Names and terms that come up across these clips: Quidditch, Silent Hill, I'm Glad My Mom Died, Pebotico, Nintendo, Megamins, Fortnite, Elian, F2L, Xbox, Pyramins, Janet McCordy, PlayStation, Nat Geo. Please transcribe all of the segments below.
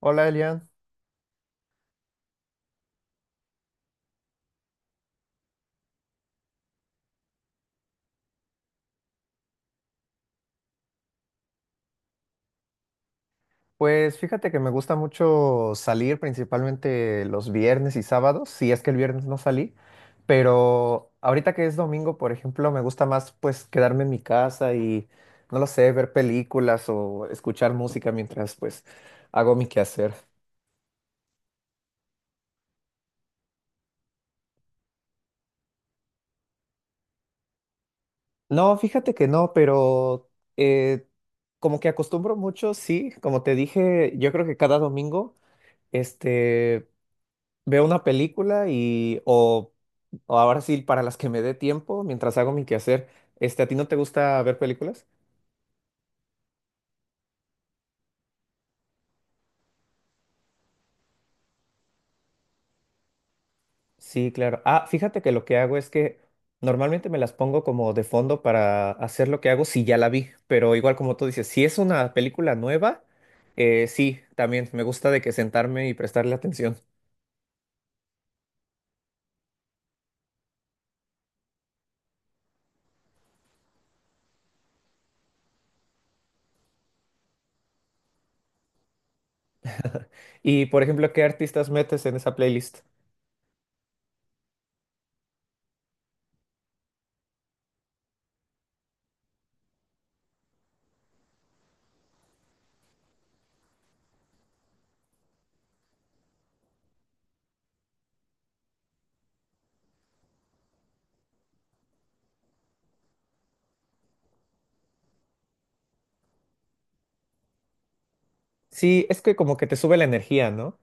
Hola Elian, pues fíjate que me gusta mucho salir principalmente los viernes y sábados, si es que el viernes no salí, pero ahorita que es domingo, por ejemplo, me gusta más pues quedarme en mi casa y no lo sé, ver películas o escuchar música mientras pues hago mi quehacer. No, fíjate que no, pero eh, como que acostumbro mucho, sí, como te dije, yo creo que cada domingo. Este, Veo una película o ahora sí, para las que me dé tiempo, mientras hago mi quehacer, ¿a ti no te gusta ver películas? Sí, claro. Ah, fíjate que lo que hago es que normalmente me las pongo como de fondo para hacer lo que hago si ya la vi, pero igual como tú dices, si es una película nueva, sí, también me gusta de que sentarme y prestarle atención. Y, por ejemplo, ¿qué artistas metes en esa playlist? Sí, es que como que te sube la energía, ¿no?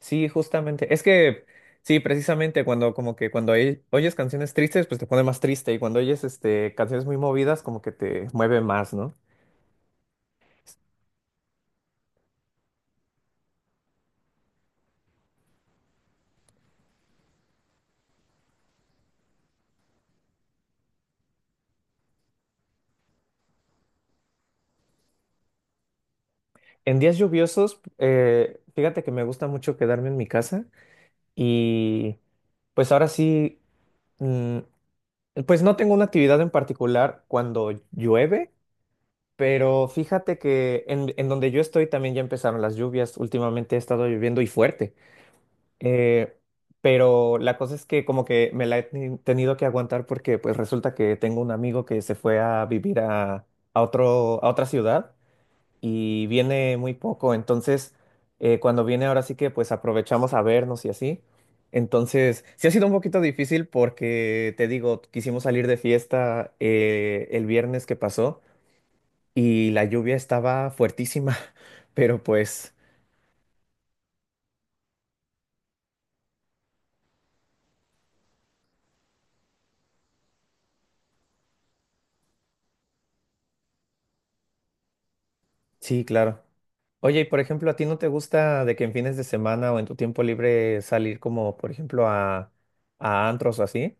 Sí, justamente. Es que, sí, precisamente cuando como que cuando oyes canciones tristes, pues te pone más triste y cuando oyes canciones muy movidas, como que te mueve más, ¿no? En días lluviosos, fíjate que me gusta mucho quedarme en mi casa y pues ahora sí, mm, pues no tengo una actividad en particular cuando llueve, pero fíjate que en donde yo estoy también ya empezaron las lluvias. Últimamente ha estado lloviendo y fuerte. Eh, pero la cosa es que como que me la he tenido que aguantar porque pues resulta que tengo un amigo que se fue a vivir a otro, a otra ciudad y viene muy poco. Entonces, cuando viene ahora sí que pues aprovechamos a vernos y así. Entonces, sí ha sido un poquito difícil porque te digo, quisimos salir de fiesta el viernes que pasó y la lluvia estaba fuertísima, pero pues sí, claro. Oye, y por ejemplo, ¿a ti no te gusta de que en fines de semana o en tu tiempo libre salir como, por ejemplo, a antros o así?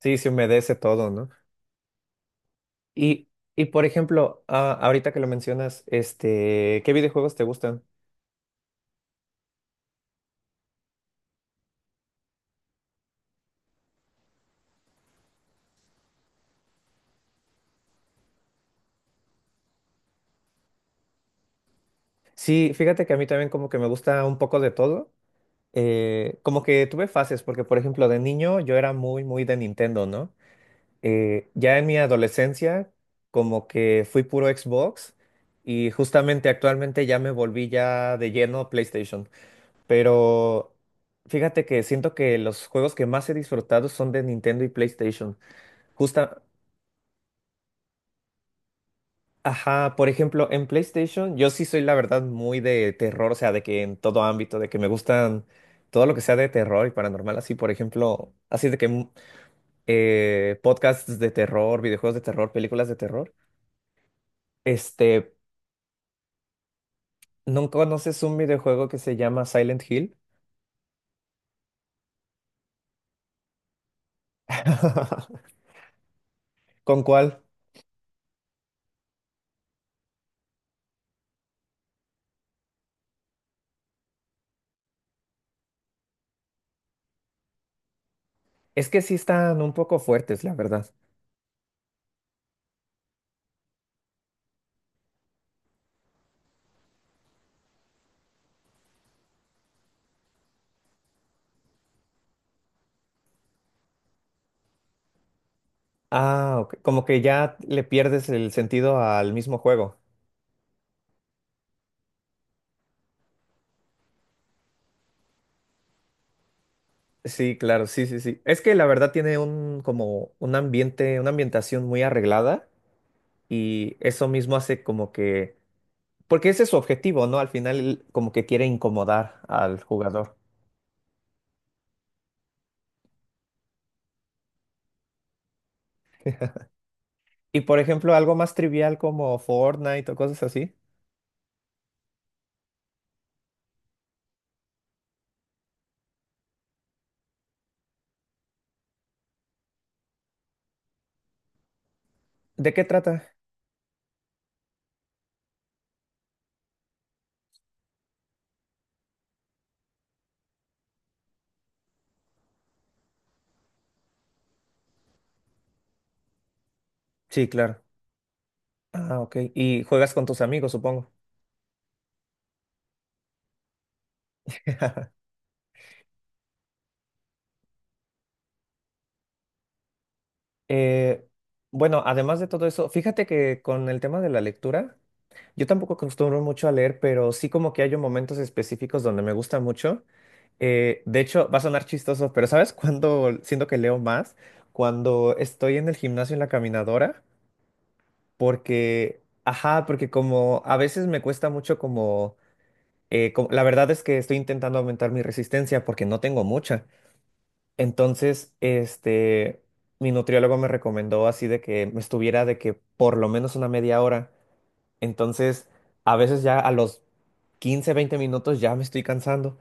Sí, se humedece todo, ¿no? Y, y por ejemplo, ah, ahorita que lo mencionas, ¿qué videojuegos te gustan? Sí, fíjate que a mí también como que me gusta un poco de todo. Como que tuve fases, porque por ejemplo, de niño yo era muy, muy de Nintendo, ¿no? Ya en mi adolescencia, como que fui puro Xbox y justamente actualmente ya me volví ya de lleno PlayStation. Pero fíjate que siento que los juegos que más he disfrutado son de Nintendo y PlayStation. Justa, ajá, por ejemplo, en PlayStation yo sí soy la verdad muy de terror, o sea, de que en todo ámbito, de que me gustan todo lo que sea de terror y paranormal, así por ejemplo, así de que podcasts de terror, videojuegos de terror, películas de terror. Este, ¿No conoces un videojuego que se llama Silent Hill? ¿Con cuál? Es que sí están un poco fuertes, la verdad. Ah, ok. Como que ya le pierdes el sentido al mismo juego. Sí, claro, sí, sí, sí. Es que la verdad tiene un como un ambiente, una ambientación muy arreglada y eso mismo hace como que, porque ese es su objetivo, ¿no? Al final como que quiere incomodar al jugador. Y por ejemplo, algo más trivial como Fortnite o cosas así. ¿De qué trata? Sí, claro. Ah, ok. Y juegas con tus amigos, supongo. Eh, bueno, además de todo eso, fíjate que con el tema de la lectura, yo tampoco acostumbro mucho a leer, pero sí como que hay momentos específicos donde me gusta mucho. De hecho, va a sonar chistoso, pero ¿sabes cuándo siento que leo más? Cuando estoy en el gimnasio en la caminadora, porque, ajá, porque como a veces me cuesta mucho la verdad es que estoy intentando aumentar mi resistencia porque no tengo mucha. Entonces, mi nutriólogo me recomendó así de que me estuviera de que por lo menos una media hora. Entonces, a veces ya a los 15, 20 minutos ya me estoy cansando.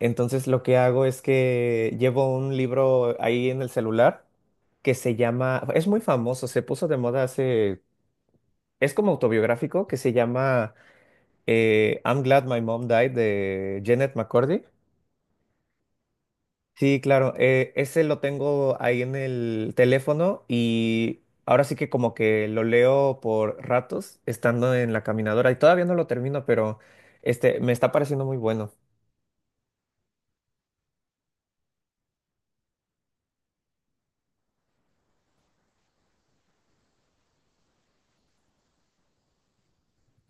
Entonces, lo que hago es que llevo un libro ahí en el celular que se llama, es muy famoso, se puso de moda hace, es como autobiográfico, que se llama I'm Glad My Mom Died de Janet McCordy. Sí, claro. Eh, ese lo tengo ahí en el teléfono y ahora sí que como que lo leo por ratos estando en la caminadora y todavía no lo termino, pero este me está pareciendo muy bueno.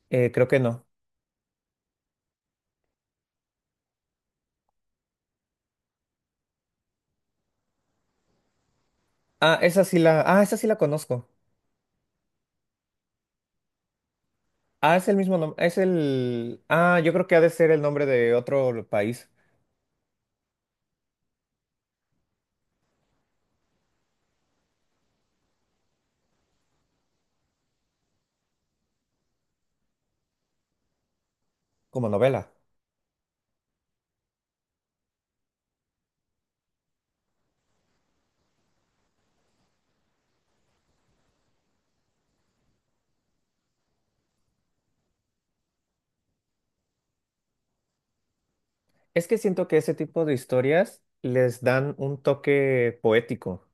Creo que no. Ah, esa sí la conozco. Ah, es el mismo nombre, yo creo que ha de ser el nombre de otro país como novela. Es que siento que ese tipo de historias les dan un toque poético.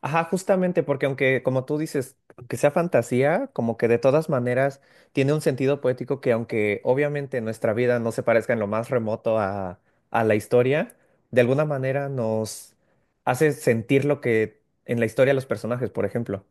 Ajá, justamente porque aunque, como tú dices, que sea fantasía, como que de todas maneras tiene un sentido poético que aunque obviamente nuestra vida no se parezca en lo más remoto a la historia, de alguna manera nos hace sentir lo que en la historia los personajes, por ejemplo.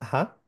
Ajá.